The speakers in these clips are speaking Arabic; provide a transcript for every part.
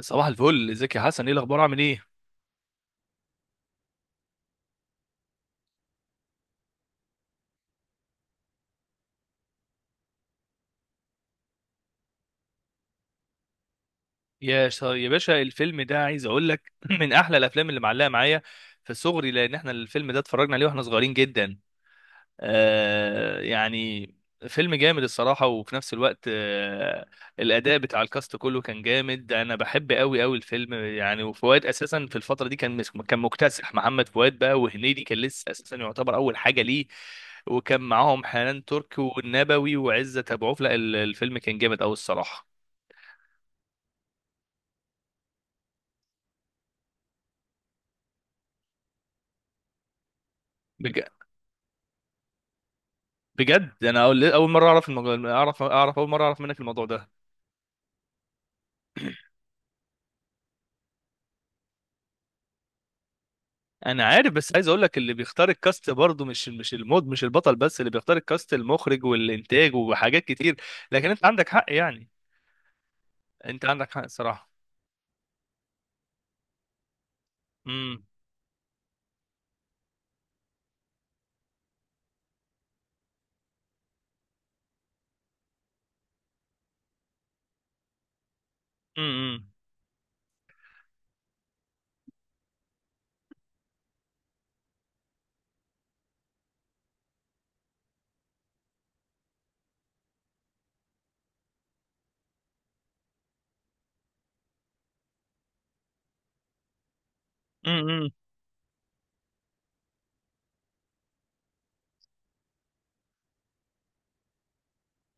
صباح الفل، ازيك يا حسن؟ ايه الاخبار؟ عامل ايه؟ يا باشا، الفيلم ده عايز اقول لك من احلى الافلام اللي معلقه معايا في صغري، لان احنا الفيلم ده اتفرجنا عليه واحنا صغيرين جدا. يعني فيلم جامد الصراحه، وفي نفس الوقت الاداء بتاع الكاست كله كان جامد. انا بحب قوي قوي الفيلم، يعني. وفؤاد اساسا في الفتره دي كان مكتسح. محمد فؤاد بقى، وهنيدي كان لسه اساسا يعتبر اول حاجه ليه. وكان معاهم حنان ترك والنبوي وعزت ابو عوف. لا، الفيلم كان جامد قوي الصراحه. بج... بجد انا اول اول مره اعرف المج... اعرف اعرف اول مره اعرف منك الموضوع ده. انا عارف، بس عايز اقول لك اللي بيختار الكاست برضه مش المود، مش البطل بس اللي بيختار الكاست، المخرج والانتاج وحاجات كتير. لكن انت عندك حق، يعني. انت عندك حق الصراحه. امم. امم. امم.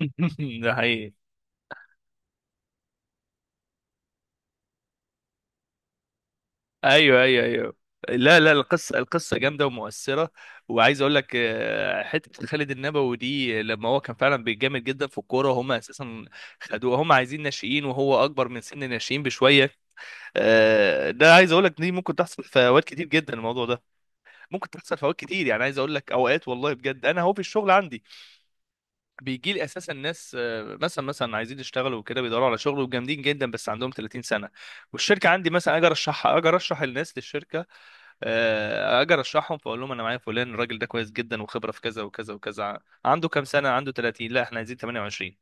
ده حقيقي. ايوه، ايوه، ايوه. لا، لا، القصه جامده ومؤثره. وعايز اقول لك، حته خالد النبوي دي لما هو كان فعلا بيتجامد جدا في الكوره، هم اساسا خدوه. هم عايزين ناشئين وهو اكبر من سن الناشئين بشويه. ده عايز اقول لك دي ممكن تحصل في اوقات كتير جدا، الموضوع ده ممكن تحصل في اوقات كتير. يعني عايز اقول لك، اوقات والله بجد انا اهو في الشغل عندي بيجي لي اساسا ناس، مثلا عايزين يشتغلوا وكده، بيدوروا على شغل وجامدين جدا بس عندهم 30 سنه. والشركه عندي، مثلا اجي ارشحها، اجي ارشح الناس للشركه، اجي ارشحهم، فاقول لهم انا معايا فلان. الراجل ده كويس جدا وخبره في كذا وكذا وكذا. عنده كام سنه؟ عنده 30. لا، احنا عايزين 28.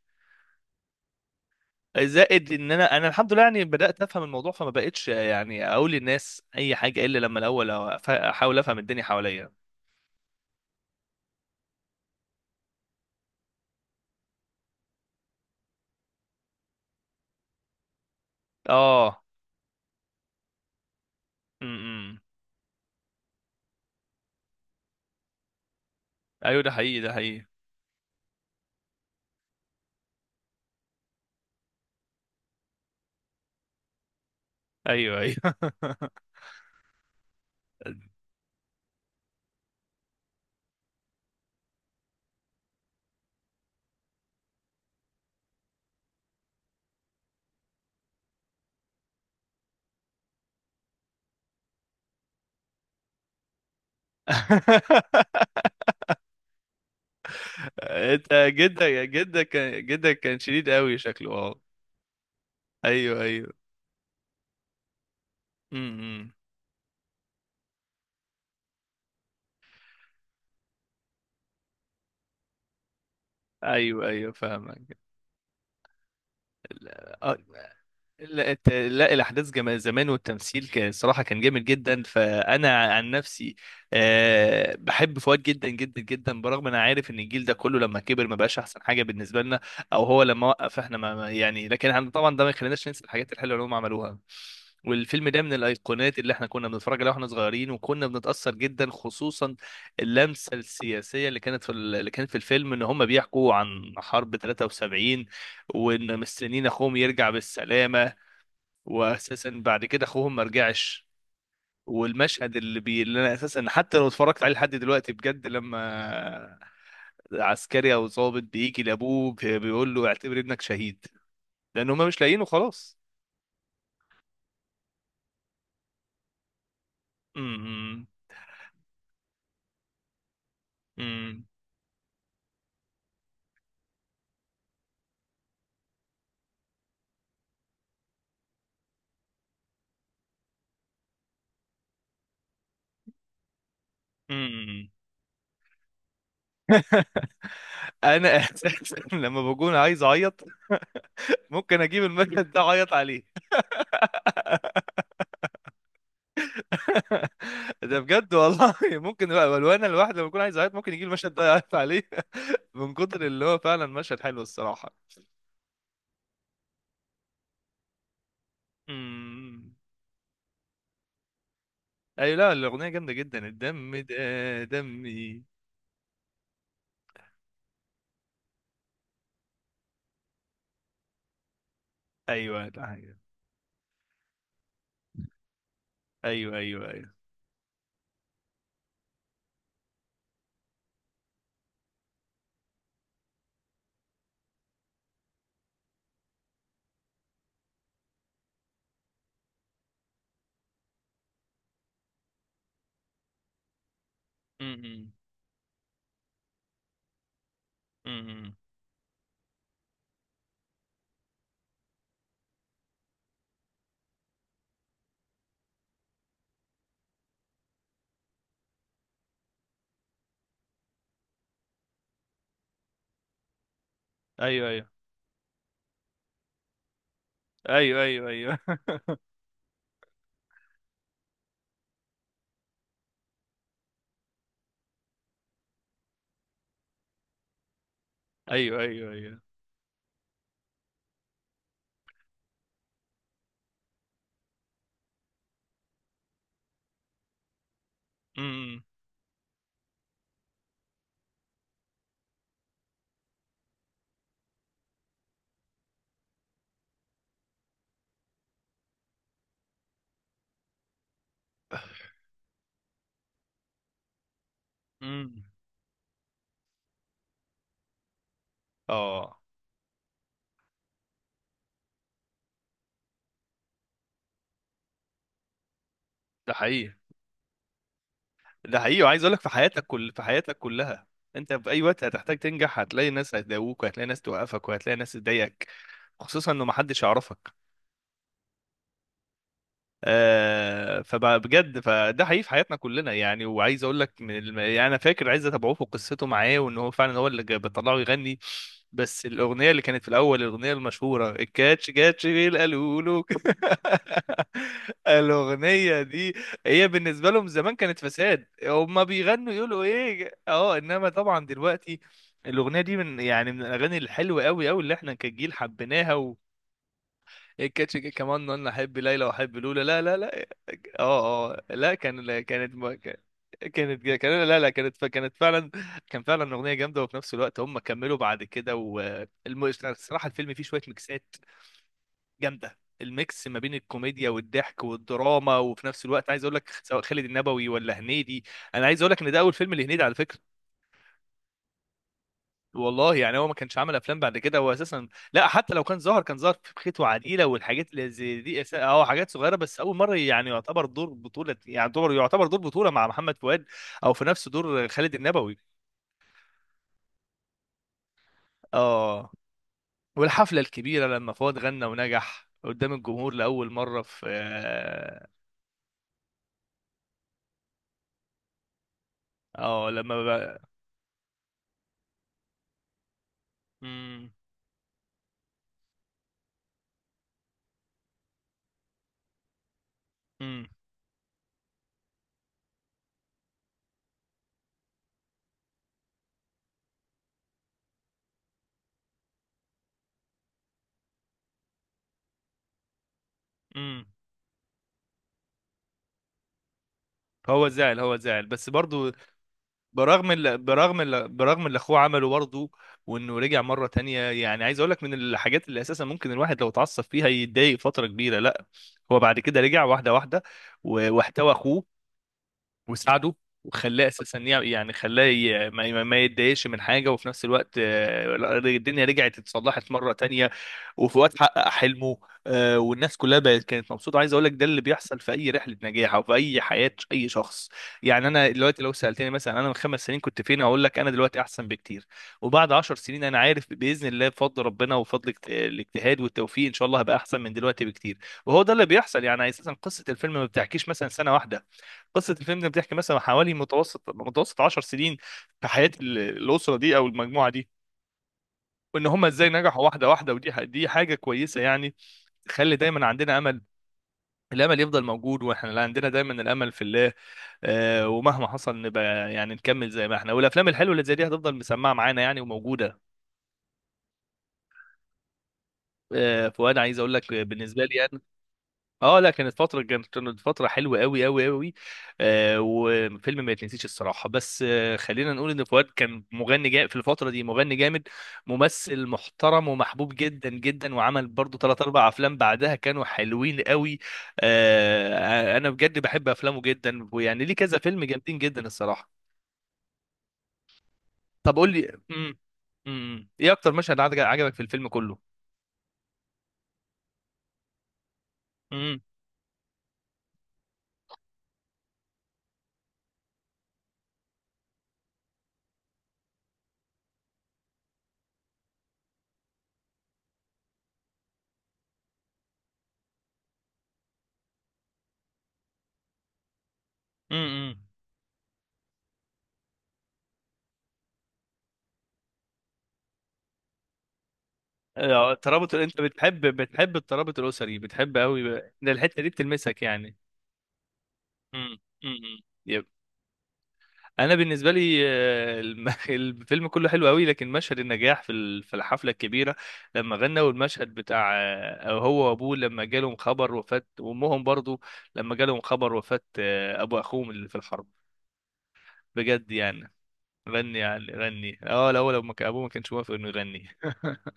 زائد ان انا الحمد لله يعني بدات افهم الموضوع، فما بقتش يعني اقول للناس اي حاجه الا لما الاول احاول افهم الدنيا حواليا. اه. امم. ايوه، ده حقيقي، ده حقيقي. ايوه، ايوه. انت جدا جدا كان شديد قوي شكله. اه. ايوه، ايوه. امم. ايوه، ايوه، فاهمك. لا، الاحداث جمال زمان، والتمثيل كان صراحه كان جامد جدا. فانا عن نفسي، بحب فؤاد جدا جدا جدا، برغم ان انا عارف ان الجيل ده كله لما كبر ما بقاش احسن حاجه بالنسبه لنا، او هو لما وقف احنا يعني. لكن احنا طبعا ده ما يخليناش ننسى الحاجات الحلوه اللي هم عملوها. والفيلم ده من الايقونات اللي احنا كنا بنتفرج عليها واحنا صغيرين، وكنا بنتاثر جدا، خصوصا اللمسه السياسيه اللي كانت اللي كانت في الفيلم ان هم بيحكوا عن حرب 73، وان مستنيين اخوهم يرجع بالسلامه. واساسا بعد كده اخوهم ما رجعش. والمشهد اللي انا اساسا حتى لو اتفرجت عليه لحد دلوقتي بجد، لما عسكري او ضابط بيجي لابوه بيقول له اعتبر ابنك شهيد، لان هما مش لاقيينه خلاص. أمم. أمم. أمم. انا اساسا لما بكون عايز اعيط ممكن اجيب المشهد ده اعيط عليه. ده بجد والله، ممكن لو انا الواحد لما بكون عايز اعيط ممكن يجيب المشهد ده يعيط عليه. من كتر اللي هو فعلا مشهد حلو الصراحة. أمم. ايوه، لا الاغنيه جامده جدا، الدم ده دمي. ايوه. لا حاجة. ايوه، ايوه، ايوه. امم. امم. ايوه، ايوه، ايوه، ايوه، ايوه. ايوه، ايوه، ايوه. امم. امم. اه، ده حقيقي، ده حقيقي. وعايز اقول لك في حياتك كلها، انت في اي وقت هتحتاج تنجح هتلاقي ناس هتداووك، وهتلاقي ناس توقفك، وهتلاقي ناس تضايقك، خصوصا انه محدش يعرفك. فبجد فده حقيقي في حياتنا كلنا يعني. وعايز اقول لك، يعني انا فاكر عايز اتابعوه في قصته معاه، وان هو فعلا هو اللي بيطلعه يغني. بس الاغنيه اللي كانت في الاول، الاغنيه المشهوره الكاتش كاتش بيل قالوا له... الاغنيه دي هي بالنسبه لهم زمان كانت فساد، هما بيغنوا يقولوا ايه؟ اه انما طبعا دلوقتي الاغنيه دي من يعني من الاغاني الحلوه قوي قوي اللي احنا كجيل حبيناها. إيه الكاتش جه كمان، انا احب ليلى واحب لولا لا لا لا. اه، اه، لا، كان لا كانت ما- كان- كانت كان لا لا كانت كانت فعلا كان فعلا اغنيه جامده، وفي نفس الوقت هم كملوا بعد كده. والصراحه الفيلم فيه شويه ميكسات جامده، الميكس ما بين الكوميديا والضحك والدراما. وفي نفس الوقت عايز اقول لك، سواء خالد النبوي ولا هنيدي، انا عايز اقول لك ان ده اول فيلم لهنيدي على فكره. والله يعني هو ما كانش عمل افلام بعد كده هو اساسا. لا، حتى لو كان ظهر في بخيت وعديله والحاجات اللي زي دي، حاجات صغيره. بس اول مره يعني يعتبر دور بطوله، يعني يعتبر دور بطوله مع محمد فؤاد، او في نفس دور خالد النبوي. اه. والحفله الكبيره لما فؤاد غنى ونجح قدام الجمهور لاول مره في لما بقى... امم. امم. امم. هو زعل، هو زعل، بس برضو برغم اللي اخوه عمله برضه، وانه رجع مره تانية. يعني عايز اقول لك، من الحاجات اللي اساسا ممكن الواحد لو اتعصب فيها يتضايق فتره كبيره، لا، هو بعد كده رجع واحده واحده، واحتوى اخوه وساعده، وخلاه اساسا يعني خلاه ما يتضايقش من حاجه. وفي نفس الوقت الدنيا رجعت اتصلحت مره تانية، وفي وقت حقق حلمه. والناس كلها بقت كانت مبسوطه. عايز اقول لك ده اللي بيحصل في اي رحله نجاح او في اي حياه اي شخص. يعني انا دلوقتي لو سالتني مثلا انا من 5 سنين كنت فين، اقول لك انا دلوقتي احسن بكتير. وبعد 10 سنين انا عارف باذن الله بفضل ربنا وبفضل الاجتهاد والتوفيق ان شاء الله هبقى احسن من دلوقتي بكتير. وهو ده اللي بيحصل يعني. اساسا قصه الفيلم ما بتحكيش مثلا سنه واحده، قصه الفيلم ده بتحكي مثلا حوالي متوسط متوسط 10 سنين في حياه الاسره دي او المجموعه دي، وان هم ازاي نجحوا واحده واحده. دي حاجه كويسه يعني، تخلي دايما عندنا امل. الامل يفضل موجود، واحنا اللي عندنا دايما الامل في الله. ومهما حصل نبقى يعني نكمل زي ما احنا، والافلام الحلوه اللي زي دي هتفضل مسمعه معانا يعني، وموجوده. فوانا عايز اقول لك بالنسبه لي انا، اه، لا كانت فترة حلوة قوي قوي قوي. وفيلم ما يتنسيش الصراحة. بس خلينا نقول ان فؤاد كان مغني جا في الفترة دي مغني جامد، ممثل محترم ومحبوب جدا جدا، وعمل برضو ثلاث اربع افلام بعدها كانوا حلوين قوي. انا بجد بحب افلامه جدا، ويعني ليه كذا فيلم جامدين جدا الصراحة. طب قول لي، ايه اكتر مشهد عجبك في الفيلم كله؟ امم. امم. الترابط، انت بتحب الترابط الاسري، بتحب قوي ان الحته دي بتلمسك يعني. امم. امم. يب. انا بالنسبه لي، الفيلم كله حلو قوي، لكن مشهد النجاح في الحفله الكبيره لما غنى، والمشهد بتاع هو وابوه لما جالهم خبر وفاه، وامهم برضو لما جالهم خبر وفاه، ابو اخوهم اللي في الحرب. بجد يعني. غني يعني غني. اه الاول لما كان ابوه ما كانش موافق انه يغني.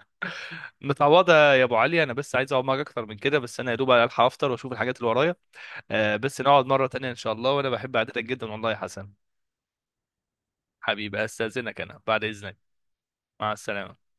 متعوضة يا أبو علي. أنا بس عايز أقعد معاك أكتر من كده، بس أنا يا دوب ألحق أفطر وأشوف الحاجات اللي ورايا. بس نقعد مرة تانية إن شاء الله، وأنا بحب قعدتك جدا والله يا حسن. حبيبي، أستأذنك، أنا بعد إذنك. مع السلامة.